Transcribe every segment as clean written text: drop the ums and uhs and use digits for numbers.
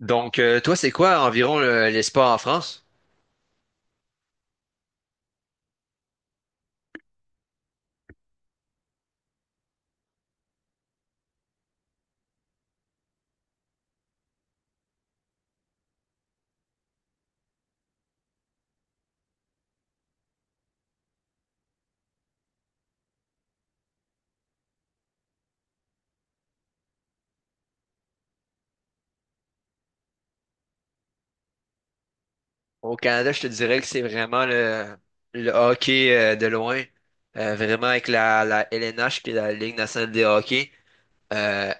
Donc, toi, c'est quoi environ les sports en France? Au Canada, je te dirais que c'est vraiment le hockey de loin. Vraiment avec la LNH, qui est la Ligue nationale des hockey. Euh,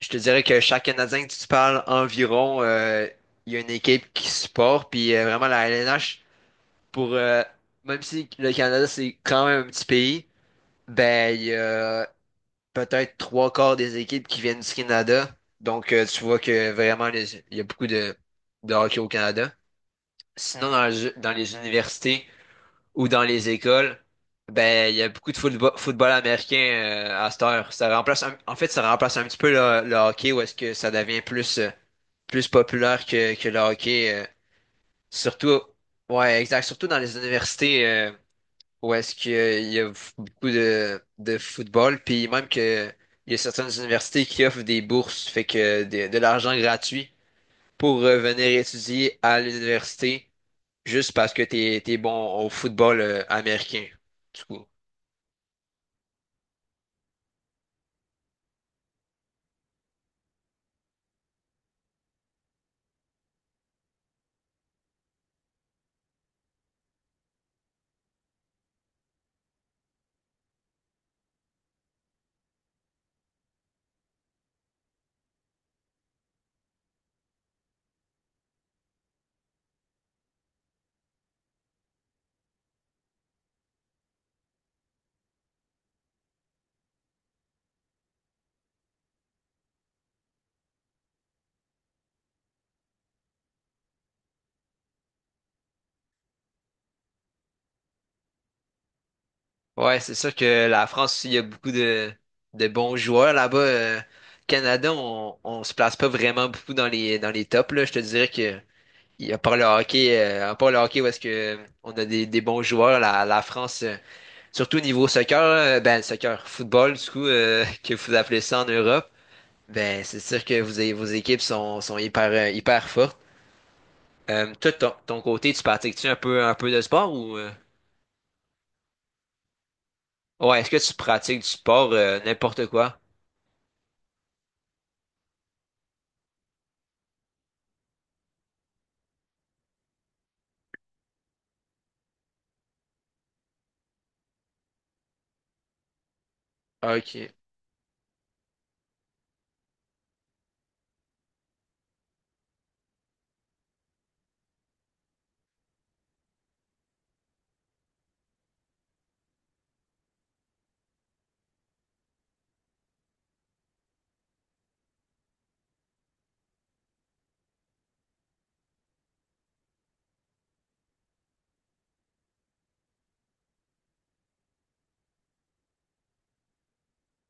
je te dirais que chaque Canadien que tu parles environ, il y a une équipe qui supporte, puis vraiment la LNH, pour, euh, même si le Canada, c'est quand même un petit pays, ben, il y a peut-être trois quarts des équipes qui viennent du Canada. Donc, tu vois que vraiment, il y a beaucoup de hockey au Canada. Sinon, dans les universités ou dans les écoles, ben, il y a beaucoup de football, football américain à cette heure. En fait, ça remplace un petit peu le hockey où est-ce que ça devient plus, plus populaire que le hockey. Surtout, ouais, exact. Surtout dans les universités. Où est-ce qu'il y a beaucoup de football, puis même que il y a certaines universités qui offrent des bourses, fait que de l'argent gratuit pour venir étudier à l'université juste parce que t'es bon au football américain. Du coup. Ouais, c'est sûr que la France, il y a beaucoup de bons joueurs là-bas. Canada, on se place pas vraiment beaucoup dans les tops, là. Je te dirais que il y a pas le hockey, à part le hockey où est-ce que on a des bons joueurs, la France. Surtout niveau soccer, là, ben soccer, football, du coup, que vous appelez ça en Europe, ben c'est sûr que vos équipes sont hyper, hyper fortes. Toi, de ton côté, tu pratiques-tu un peu de sport ou? Ouais, est-ce que tu pratiques du sport, n'importe quoi? Ah, OK.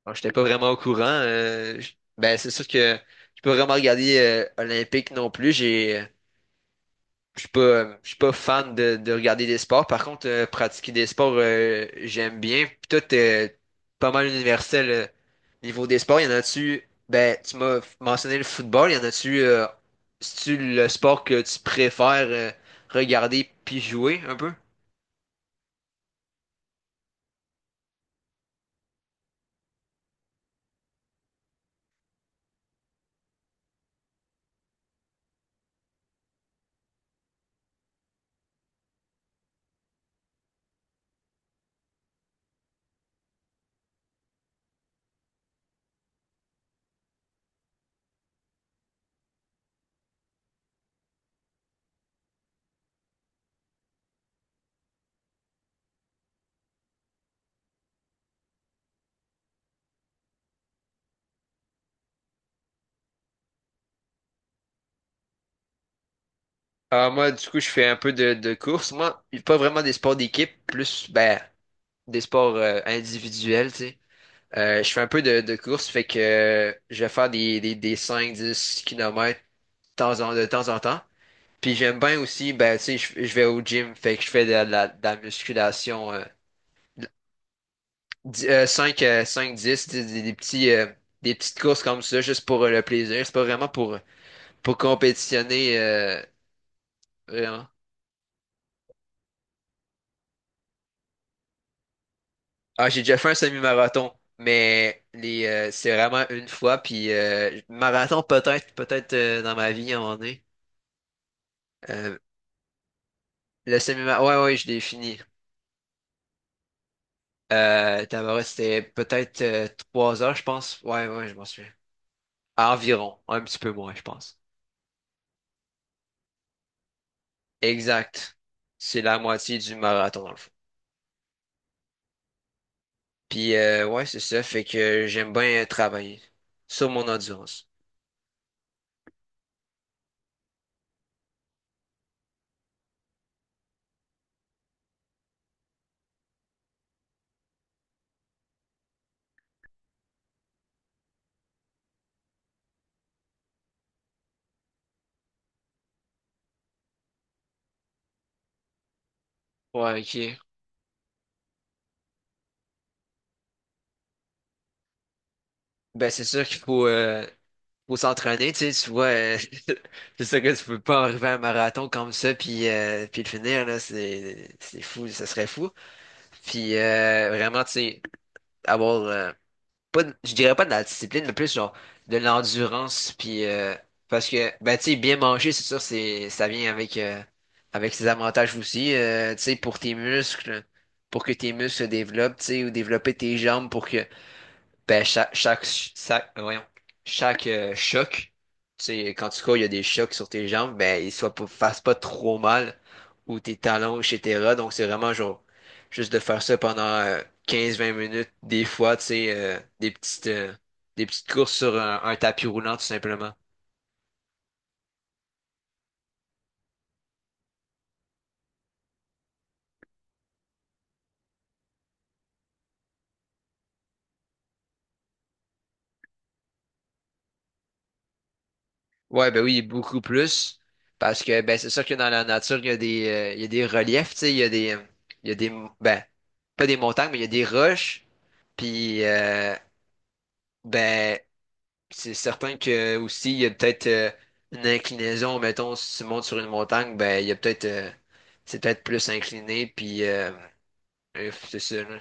Bon, j'étais pas vraiment au courant. Ben c'est sûr que je peux vraiment regarder Olympique non plus. J'ai je suis pas fan de regarder des sports. Par contre, pratiquer des sports, j'aime bien. Puis toi, t'es pas mal universel niveau des sports. Il y en a-tu, ben, tu m'as mentionné le football. Il y en a-tu, c'est-tu le sport que tu préfères regarder puis jouer un peu? Ah, moi, du coup, je fais un peu de course. Moi, pas vraiment des sports d'équipe, plus ben, des sports individuels, tu sais. Je fais un peu de course, fait que je vais faire des cinq dix km de temps en temps. Puis j'aime bien aussi, ben, tu sais, je vais au gym, fait que je fais de la musculation 5, 5, 10, des petits, des petites courses comme ça, juste pour le plaisir. C'est pas vraiment pour compétitionner, vraiment. Ah, j'ai déjà fait un semi-marathon, c'est vraiment une fois, puis marathon peut-être dans ma vie à un moment donné. Euh, le semi-marathon, ouais, ouais, ouais, je l'ai fini. Tabarouette, c'était peut-être 3 heures, je pense. Ouais, ouais, je m'en souviens. Environ, un petit peu moins, je pense. Exact. C'est la moitié du marathon, dans le fond. Puis, ouais, c'est ça, fait que j'aime bien travailler sur mon endurance. Ouais, OK. Ben, c'est sûr faut s'entraîner, tu sais, tu vois, c'est sûr que tu peux pas arriver à un marathon comme ça, puis le finir, là, c'est fou, ça serait fou. Puis, vraiment, tu sais, avoir, pas de- je dirais pas de la discipline, mais plus genre de l'endurance puis parce que ben tu sais bien manger c'est sûr c'est ça vient avec avec ses avantages aussi tu sais pour tes muscles pour que tes muscles se développent tu sais ou développer tes jambes pour que ben, chaque choc, tu sais, quand tu cours, il y a des chocs sur tes jambes, ben, ils soient pas, fassent pas trop mal, ou tes talons, etc. Donc, c'est vraiment genre, juste de faire ça pendant 15-20 minutes, des fois, tu sais, des petites courses sur un tapis roulant, tout simplement. Ouais, ben oui, beaucoup plus, parce que, ben, c'est sûr que dans la nature, il y a des reliefs, tu sais, il y a des, il y a des, ben, pas des montagnes, mais il y a des roches, puis, ben, c'est certain que aussi, il y a peut-être une inclinaison, mettons, si tu montes sur une montagne, ben il y a peut-être c'est peut-être plus incliné, puis c'est ça, là.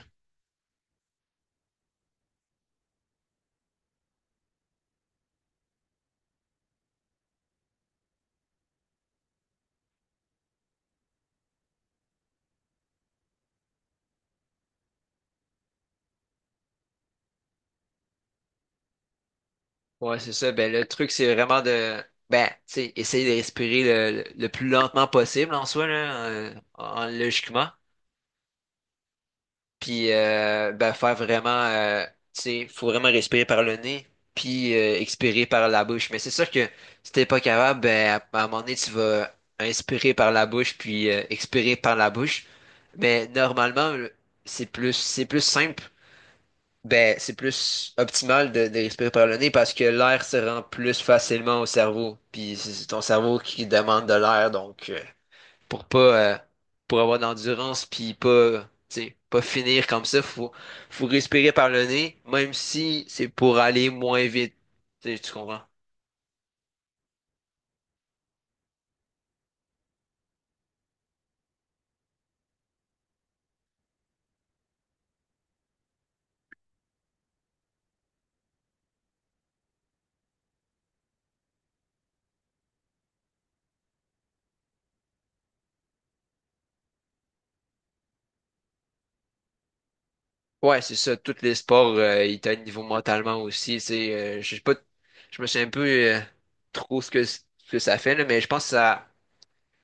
Ouais, c'est ça. Ben le truc, c'est vraiment tu sais, essayer de respirer le plus lentement possible en soi, là, logiquement. Puis ben, faire vraiment, tu sais, faut vraiment respirer par le nez, puis expirer par la bouche. Mais c'est sûr que si t'es pas capable, ben, à un moment donné, tu vas inspirer par la bouche, puis expirer par la bouche. Mais normalement, c'est plus simple. Ben, c'est plus optimal de respirer par le nez parce que l'air se rend plus facilement au cerveau. Puis c'est ton cerveau qui demande de l'air, pour pas pour avoir d'endurance puis pas tu sais, pas finir comme ça, faut respirer par le nez même si c'est pour aller moins vite, tu sais, tu comprends. Ouais, c'est ça, tous les sports ils t'aident niveau mentalement aussi, tu sais. Je sais pas, je me suis un peu trop ce que ça fait là, mais je pense que ça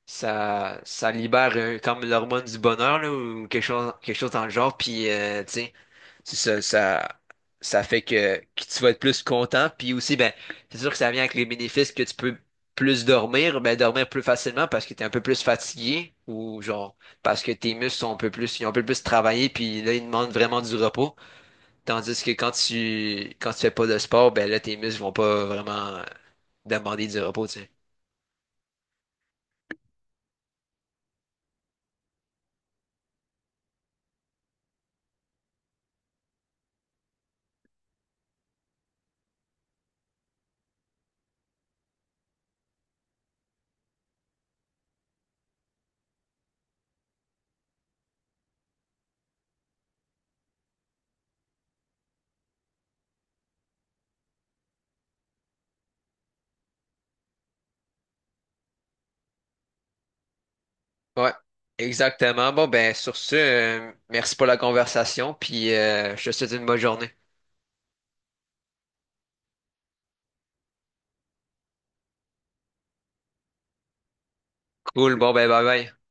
ça, ça libère comme l'hormone du bonheur là, ou quelque chose dans le genre. Puis, tu sais, c'est ça, ça fait que tu vas être plus content. Puis aussi, ben, c'est sûr que ça vient avec les bénéfices que tu peux dormir plus facilement parce que tu es un peu plus fatigué ou genre parce que tes muscles sont un peu plus, ils ont un peu plus travaillé. Puis là, ils demandent vraiment du repos. Tandis que quand tu fais pas de sport, ben là, tes muscles vont pas vraiment demander du repos, tu sais. Ouais, exactement. Bon, ben, sur ce, merci pour la conversation, puis je te souhaite une bonne journée. Cool, bon, ben, bye bye.